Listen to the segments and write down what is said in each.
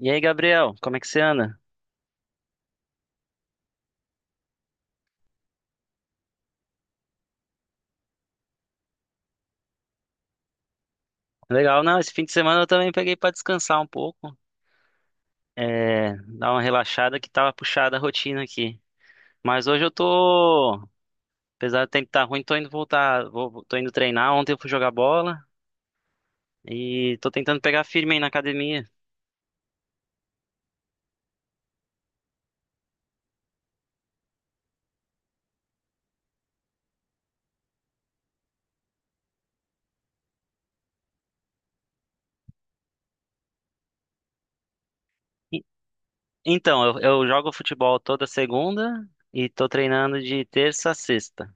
E aí, Gabriel, como é que você anda? Legal, não, esse fim de semana eu também peguei pra descansar um pouco, dar uma relaxada que tava puxada a rotina aqui. Mas hoje eu tô, apesar do tempo estar ruim, tô indo voltar, vou, tô indo treinar. Ontem eu fui jogar bola e tô tentando pegar firme aí na academia. E- Então, eu jogo futebol toda segunda e tô treinando de terça a sexta.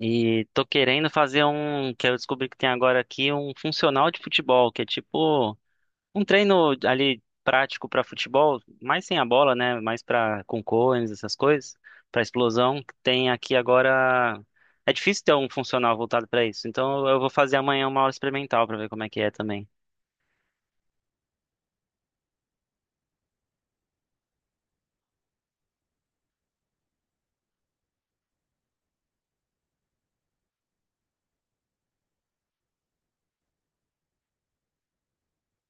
E tô querendo fazer um, que eu descobri que tem agora aqui, um funcional de futebol, que é tipo um treino ali prático para futebol, mais sem a bola, né? Mais para com cones, essas coisas, para explosão. Tem aqui agora. É difícil ter um funcional voltado para isso. Então eu vou fazer amanhã uma aula experimental para ver como é que é também.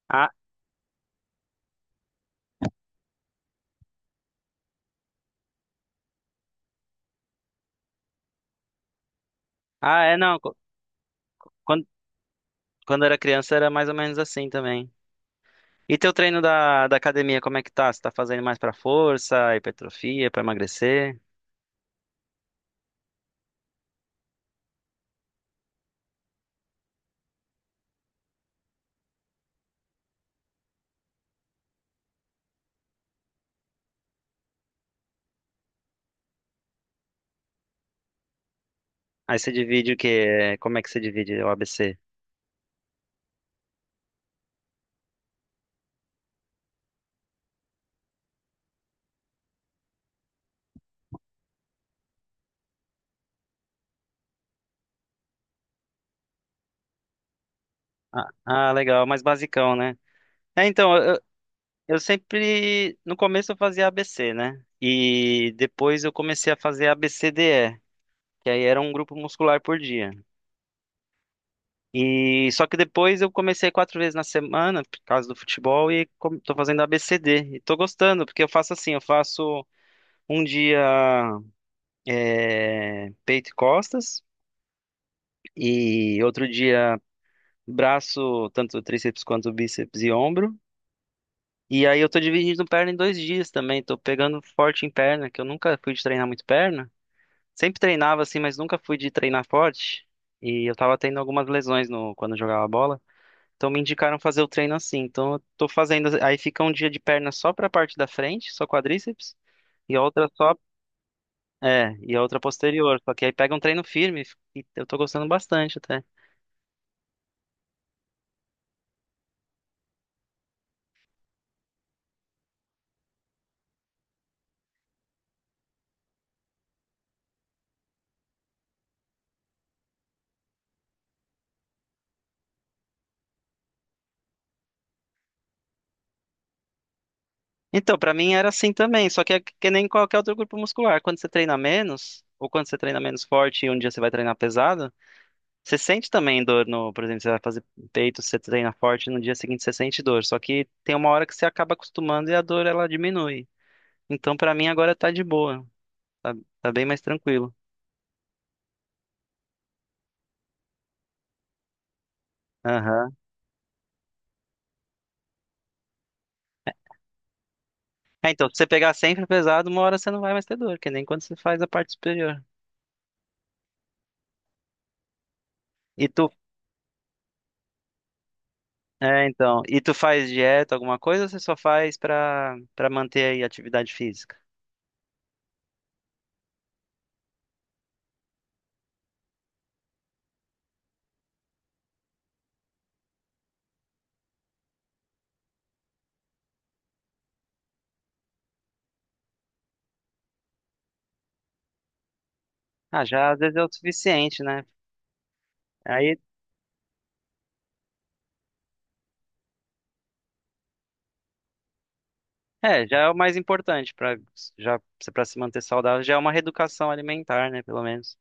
Ah, ah, é não. qu- Quando, quando eu era criança era mais ou menos assim também. E teu treino da, da academia, como é que tá? Você tá fazendo mais para força, hipertrofia, para emagrecer? Aí você divide o quê? Como é que você divide o ABC? Ah, ah, legal, mais basicão, né? É, então, Eu sempre, no começo eu fazia ABC, né? E depois eu comecei a fazer ABCDE, que aí era um grupo muscular por dia. E só que depois eu comecei quatro vezes na semana, por causa do futebol, e tô fazendo ABCD. E tô gostando, porque eu faço assim, eu faço um dia peito e costas, e outro dia braço, tanto tríceps quanto bíceps e ombro. E aí eu tô dividindo perna em dois dias também, tô pegando forte em perna, que eu nunca fui de treinar muito perna. Sempre treinava assim, mas nunca fui de treinar forte. E eu tava tendo algumas lesões no, quando eu jogava bola. Então me indicaram fazer o treino assim. Então eu tô fazendo. Aí fica um dia de perna só pra parte da frente, só quadríceps, e a outra só. É, e a outra posterior. Só que aí pega um treino firme e eu tô gostando bastante até. Então, pra mim era assim também, só que é que nem qualquer outro grupo muscular. Quando você treina menos, ou quando você treina menos forte e um dia você vai treinar pesado. Você sente também dor no, por exemplo, você vai fazer peito, você treina forte, no dia seguinte você sente dor, só que tem uma hora que você acaba acostumando e a dor ela diminui. Então pra mim agora tá de boa, tá, tá bem mais tranquilo. Aham. É, então, se você pegar sempre pesado, uma hora você não vai mais ter dor, que nem quando você faz a parte superior. E tu, e tu faz dieta, alguma coisa, ou você só faz pra para manter aí a atividade física? Ah, já às vezes é o suficiente, né? Aí é, já é o mais importante para já para se manter saudável, já é uma reeducação alimentar, né, pelo menos.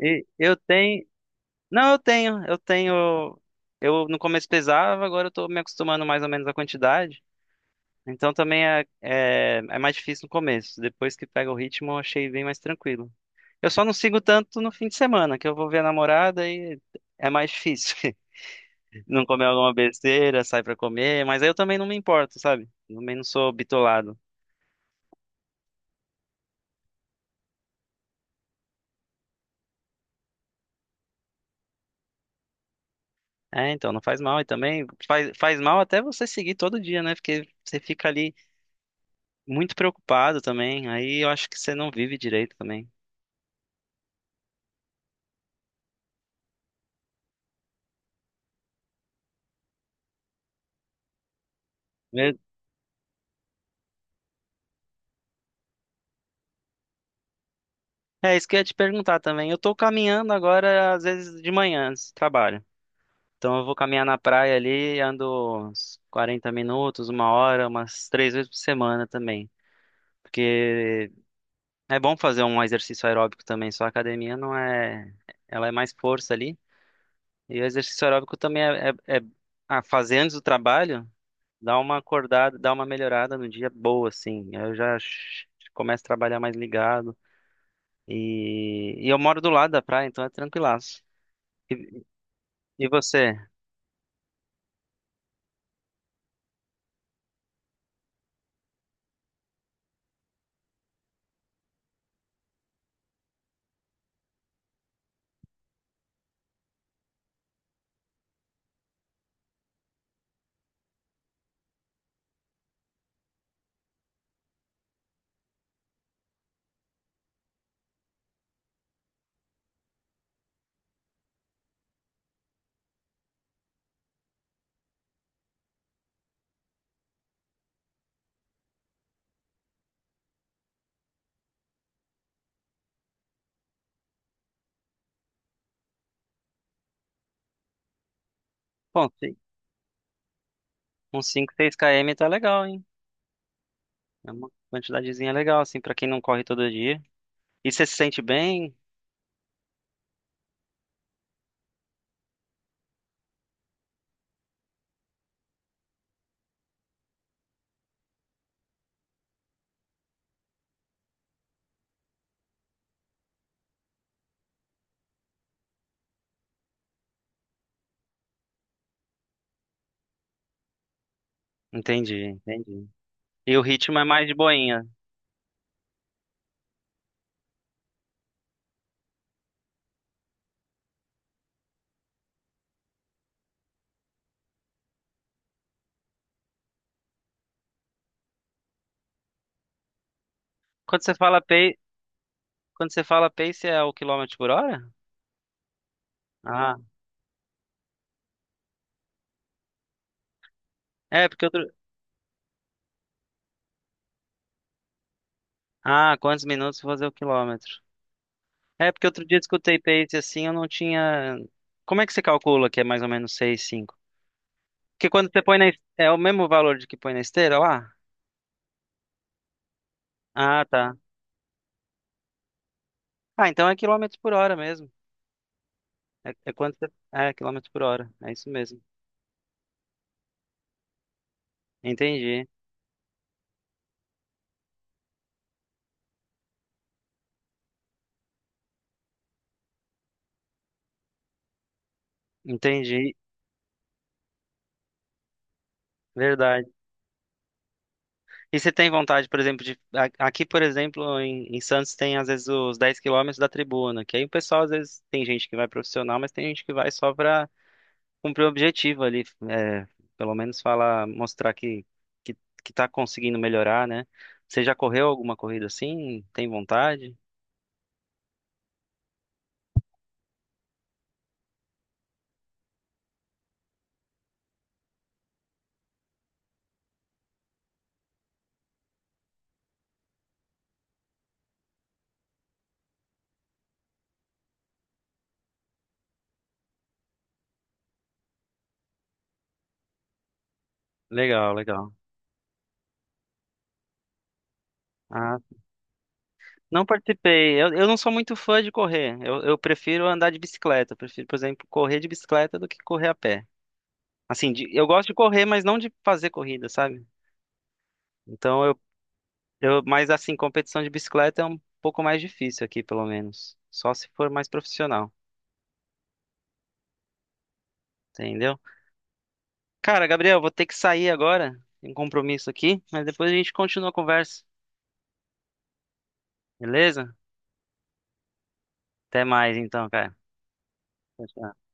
E eu tenho, eu tenho, eu no começo pesava, agora eu tô me acostumando mais ou menos à quantidade. Então também é mais difícil no começo. Depois que pega o ritmo, eu achei bem mais tranquilo. Eu só não sigo tanto no fim de semana, que eu vou ver a namorada e é mais difícil. Não comer alguma besteira, sai pra comer, mas aí eu também não me importo, sabe? Também não sou bitolado. É, então, não faz mal. E também faz, faz mal até você seguir todo dia, né? Porque você fica ali muito preocupado também. Aí eu acho que você não vive direito também. Eu- É isso que eu ia te perguntar também. Eu tô caminhando agora, às vezes de manhã, antes do trabalho. Então eu vou caminhar na praia ali, ando uns 40 minutos, uma hora, umas três vezes por semana também. Porque é bom fazer um exercício aeróbico também, só a academia não é. Ela é mais força ali. E o exercício aeróbico também a fazer antes do trabalho. Dá uma acordada, dá uma melhorada no dia boa, assim. Começo a trabalhar mais ligado. E eu moro do lado da praia, então é tranquilaço. E, e você? Bom, ci- uns 5, 6 km tá legal, hein? É uma quantidadezinha legal, assim, pra quem não corre todo dia. E você se sente bem? Entendi, entendi. E o ritmo é mais de boinha. Quando você fala pace, quando você fala pace é o quilômetro por hora? Ah, é porque outro... Ah, quantos minutos fazer o quilômetro? É, porque outro dia eu escutei pace assim, eu não tinha. Como é que você calcula que é mais ou menos seis cinco? Porque quando você põe na. É o mesmo valor de que põe na esteira lá? Ah, tá. Ah, então é quilômetros por hora mesmo. É, quilômetros por hora. É isso mesmo. Entendi. Entendi. Verdade. E você tem vontade, por exemplo, aqui, por exemplo, em, em Santos tem às vezes os 10 quilômetros da tribuna, que aí o pessoal às vezes tem gente que vai profissional, mas tem gente que vai só pra cumprir o objetivo ali, é, pelo menos falar, mostrar que, que tá conseguindo melhorar, né? Você já correu alguma corrida assim? Tem vontade? Legal, legal. Ah, não participei. Eu não sou muito fã de correr. Eu prefiro andar de bicicleta. Eu prefiro, por exemplo, correr de bicicleta do que correr a pé. Eu gosto de correr, mas não de fazer corrida, sabe? Então eu, mas assim, competição de bicicleta é um pouco mais difícil aqui, pelo menos. Só se for mais profissional, entendeu? Cara, Gabriel, vou ter que sair agora. Tem um compromisso aqui, mas depois a gente continua a conversa, beleza? Até mais então, cara. Tchau, tchau.